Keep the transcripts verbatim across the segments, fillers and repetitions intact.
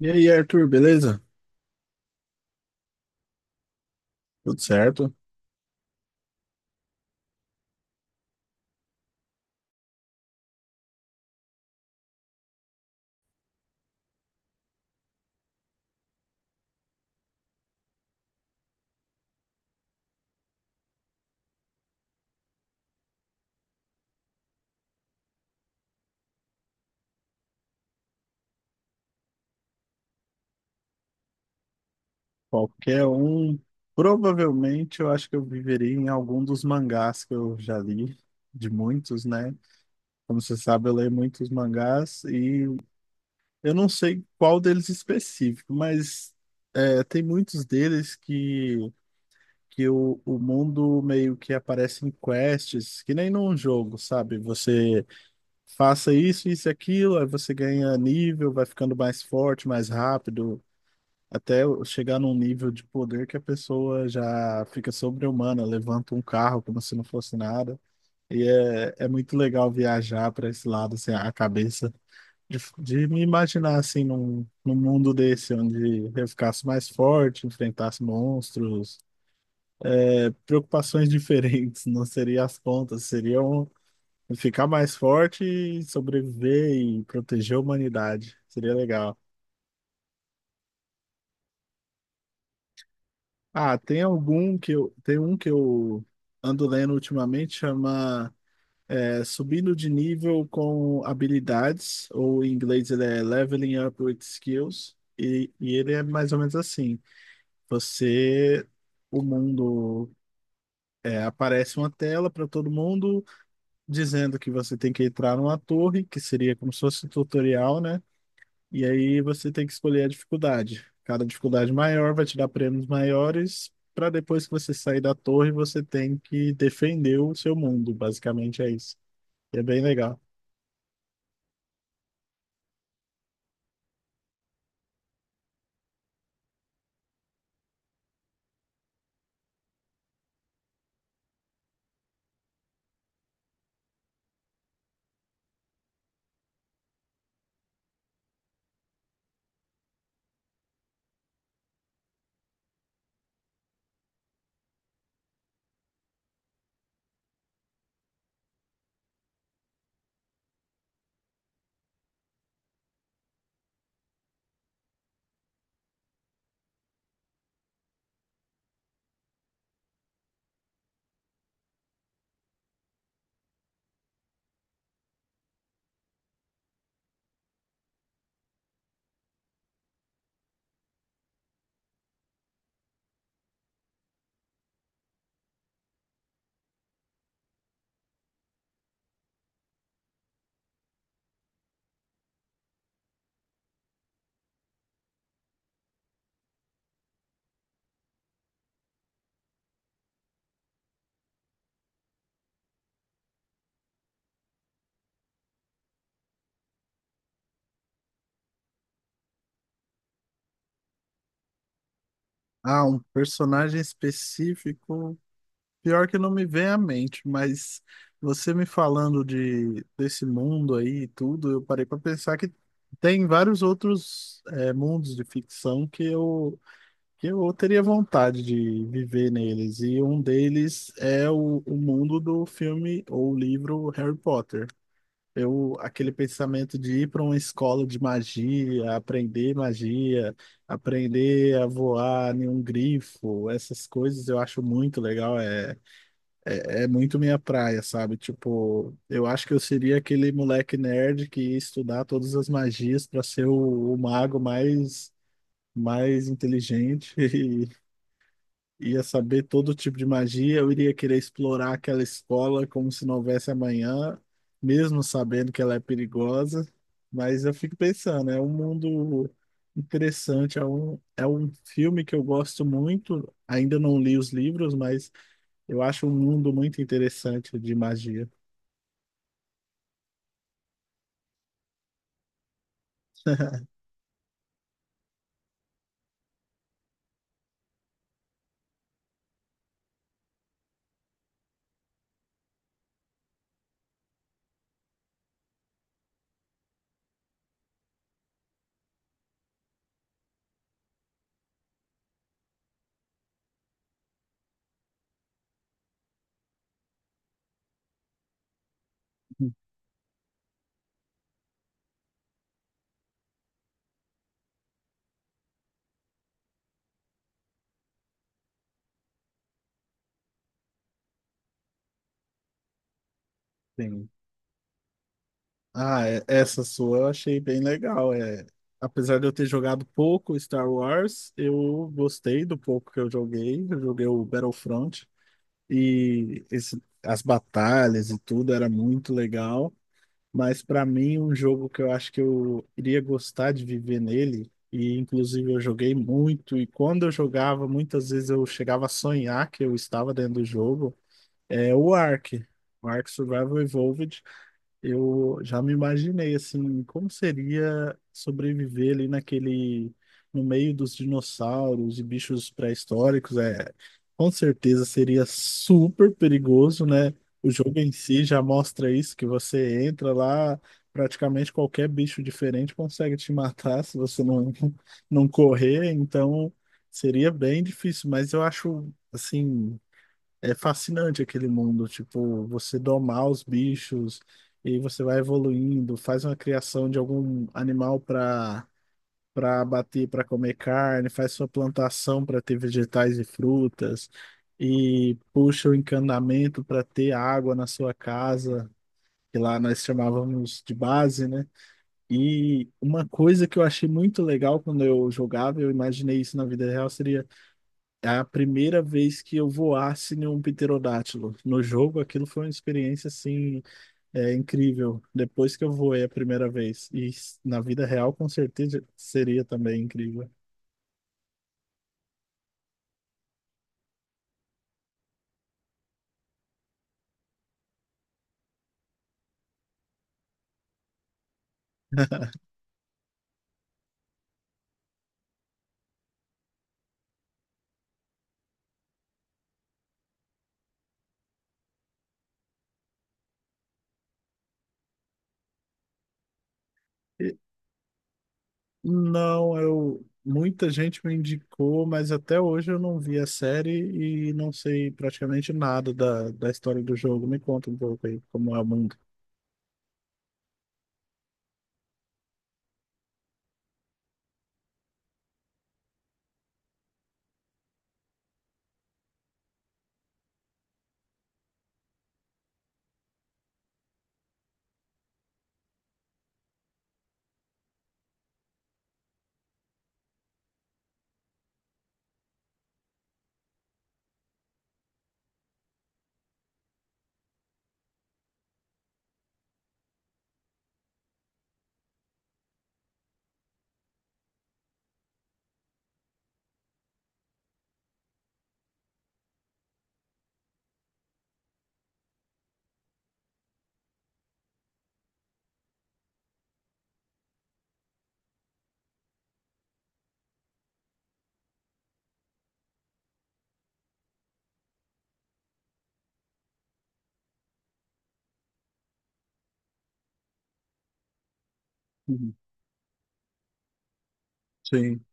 E aí, Arthur, beleza? Tudo certo? Qualquer um. Provavelmente eu acho que eu viveria em algum dos mangás que eu já li, de muitos, né? Como você sabe, eu leio muitos mangás e eu não sei qual deles específico, mas é, tem muitos deles que, que o, o mundo meio que aparece em quests, que nem num jogo, sabe? Você faça isso, isso e aquilo, aí você ganha nível, vai ficando mais forte, mais rápido. Até eu chegar num nível de poder que a pessoa já fica sobre-humana, levanta um carro como se não fosse nada. E é, é muito legal viajar para esse lado, assim, a cabeça, de, de me imaginar, assim, num, num mundo desse, onde eu ficasse mais forte, enfrentasse monstros, é, preocupações diferentes, não seria as contas, seriam ficar mais forte e sobreviver e proteger a humanidade. Seria legal. Ah, tem algum que eu, tem um que eu ando lendo ultimamente, chama é, Subindo de Nível com Habilidades, ou em inglês ele é Leveling Up with Skills, e, e ele é mais ou menos assim. Você, o mundo, é, aparece uma tela para todo mundo dizendo que você tem que entrar numa torre, que seria como se fosse um tutorial, né? E aí você tem que escolher a dificuldade. Cada dificuldade maior vai te dar prêmios maiores, para depois que você sair da torre, você tem que defender o seu mundo. Basicamente é isso. E é bem legal. Ah, um personagem específico, pior que não me vem à mente, mas você me falando de desse mundo aí e tudo, eu parei para pensar que tem vários outros eh, mundos de ficção que eu que eu teria vontade de viver neles. E um deles é o, o mundo do filme ou livro Harry Potter. Eu, aquele pensamento de ir para uma escola de magia, aprender magia, aprender a voar em um grifo, essas coisas eu acho muito legal, é, é muito minha praia, sabe? Tipo, eu acho que eu seria aquele moleque nerd que ia estudar todas as magias para ser o o mago mais mais inteligente. Ia saber todo tipo de magia, eu iria querer explorar aquela escola como se não houvesse amanhã, mesmo sabendo que ela é perigosa. Mas eu fico pensando, é um mundo interessante, é um, é um filme que eu gosto muito. Ainda não li os livros, mas eu acho um mundo muito interessante de magia. Sim. Ah, é- essa sua eu achei bem legal. É, apesar de eu ter jogado pouco Star Wars, eu gostei do pouco que eu joguei. Eu joguei o Battlefront e esse- as batalhas e tudo era muito legal. Mas para mim, um jogo que eu acho que eu iria gostar de viver nele, e inclusive eu joguei muito, e quando eu jogava, muitas vezes eu chegava a sonhar que eu estava dentro do jogo, é o Ark. O Ark Survival Evolved. Eu já me imaginei assim, como seria sobreviver ali naquele no meio dos dinossauros e bichos pré-históricos, é, com certeza seria super perigoso, né? O jogo em si já mostra isso, que você entra lá, praticamente qualquer bicho diferente consegue te matar se você não não correr, então seria bem difícil, mas eu acho assim, é fascinante aquele mundo, tipo, você domar os bichos e você vai evoluindo, faz uma criação de algum animal para para abater, para comer carne, faz sua plantação para ter vegetais e frutas e puxa o encanamento para ter água na sua casa, que lá nós chamávamos de base, né? E uma coisa que eu achei muito legal quando eu jogava, eu imaginei isso na vida real, seria é a primeira vez que eu voasse em um pterodátilo. No jogo, aquilo foi uma experiência assim, é, incrível. Depois que eu voei a primeira vez. E s- na vida real, com certeza, seria também incrível. E, não, eu. Muita gente me indicou, mas até hoje eu não vi a série e não sei praticamente nada da, da história do jogo. Me conta um pouco aí como é o mundo. Uhum. Sim,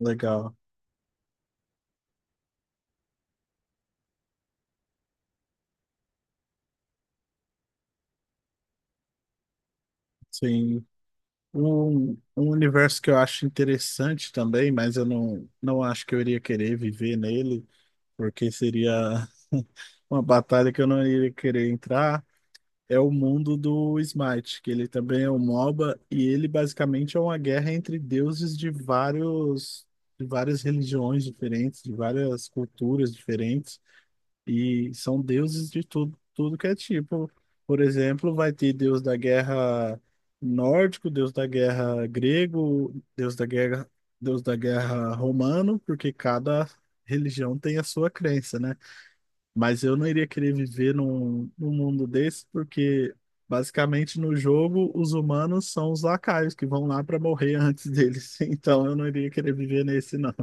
legal. Sim. Um, um universo que eu acho interessante também, mas eu não, não acho que eu iria querer viver nele, porque seria uma batalha que eu não iria querer entrar, é o mundo do Smite, que ele também é um MOBA, e ele basicamente é uma guerra entre deuses de vários, de várias religiões diferentes, de várias culturas diferentes. E são deuses de tudo, tudo que é tipo. Por exemplo, vai ter deus da guerra nórdico, deus da guerra grego, deus da guerra, deus da guerra romano, porque cada religião tem a sua crença, né? Mas eu não iria querer viver num, num mundo desse, porque basicamente no jogo os humanos são os lacaios que vão lá para morrer antes deles. Então eu não iria querer viver nesse, não.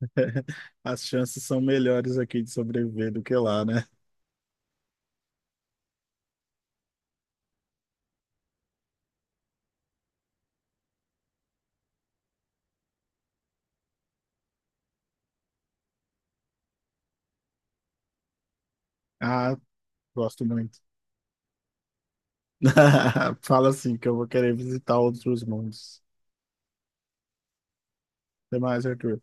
As chances são melhores aqui de sobreviver do que lá, né? Ah, gosto muito. Fala assim que eu vou querer visitar outros mundos. Até mais, Arthur.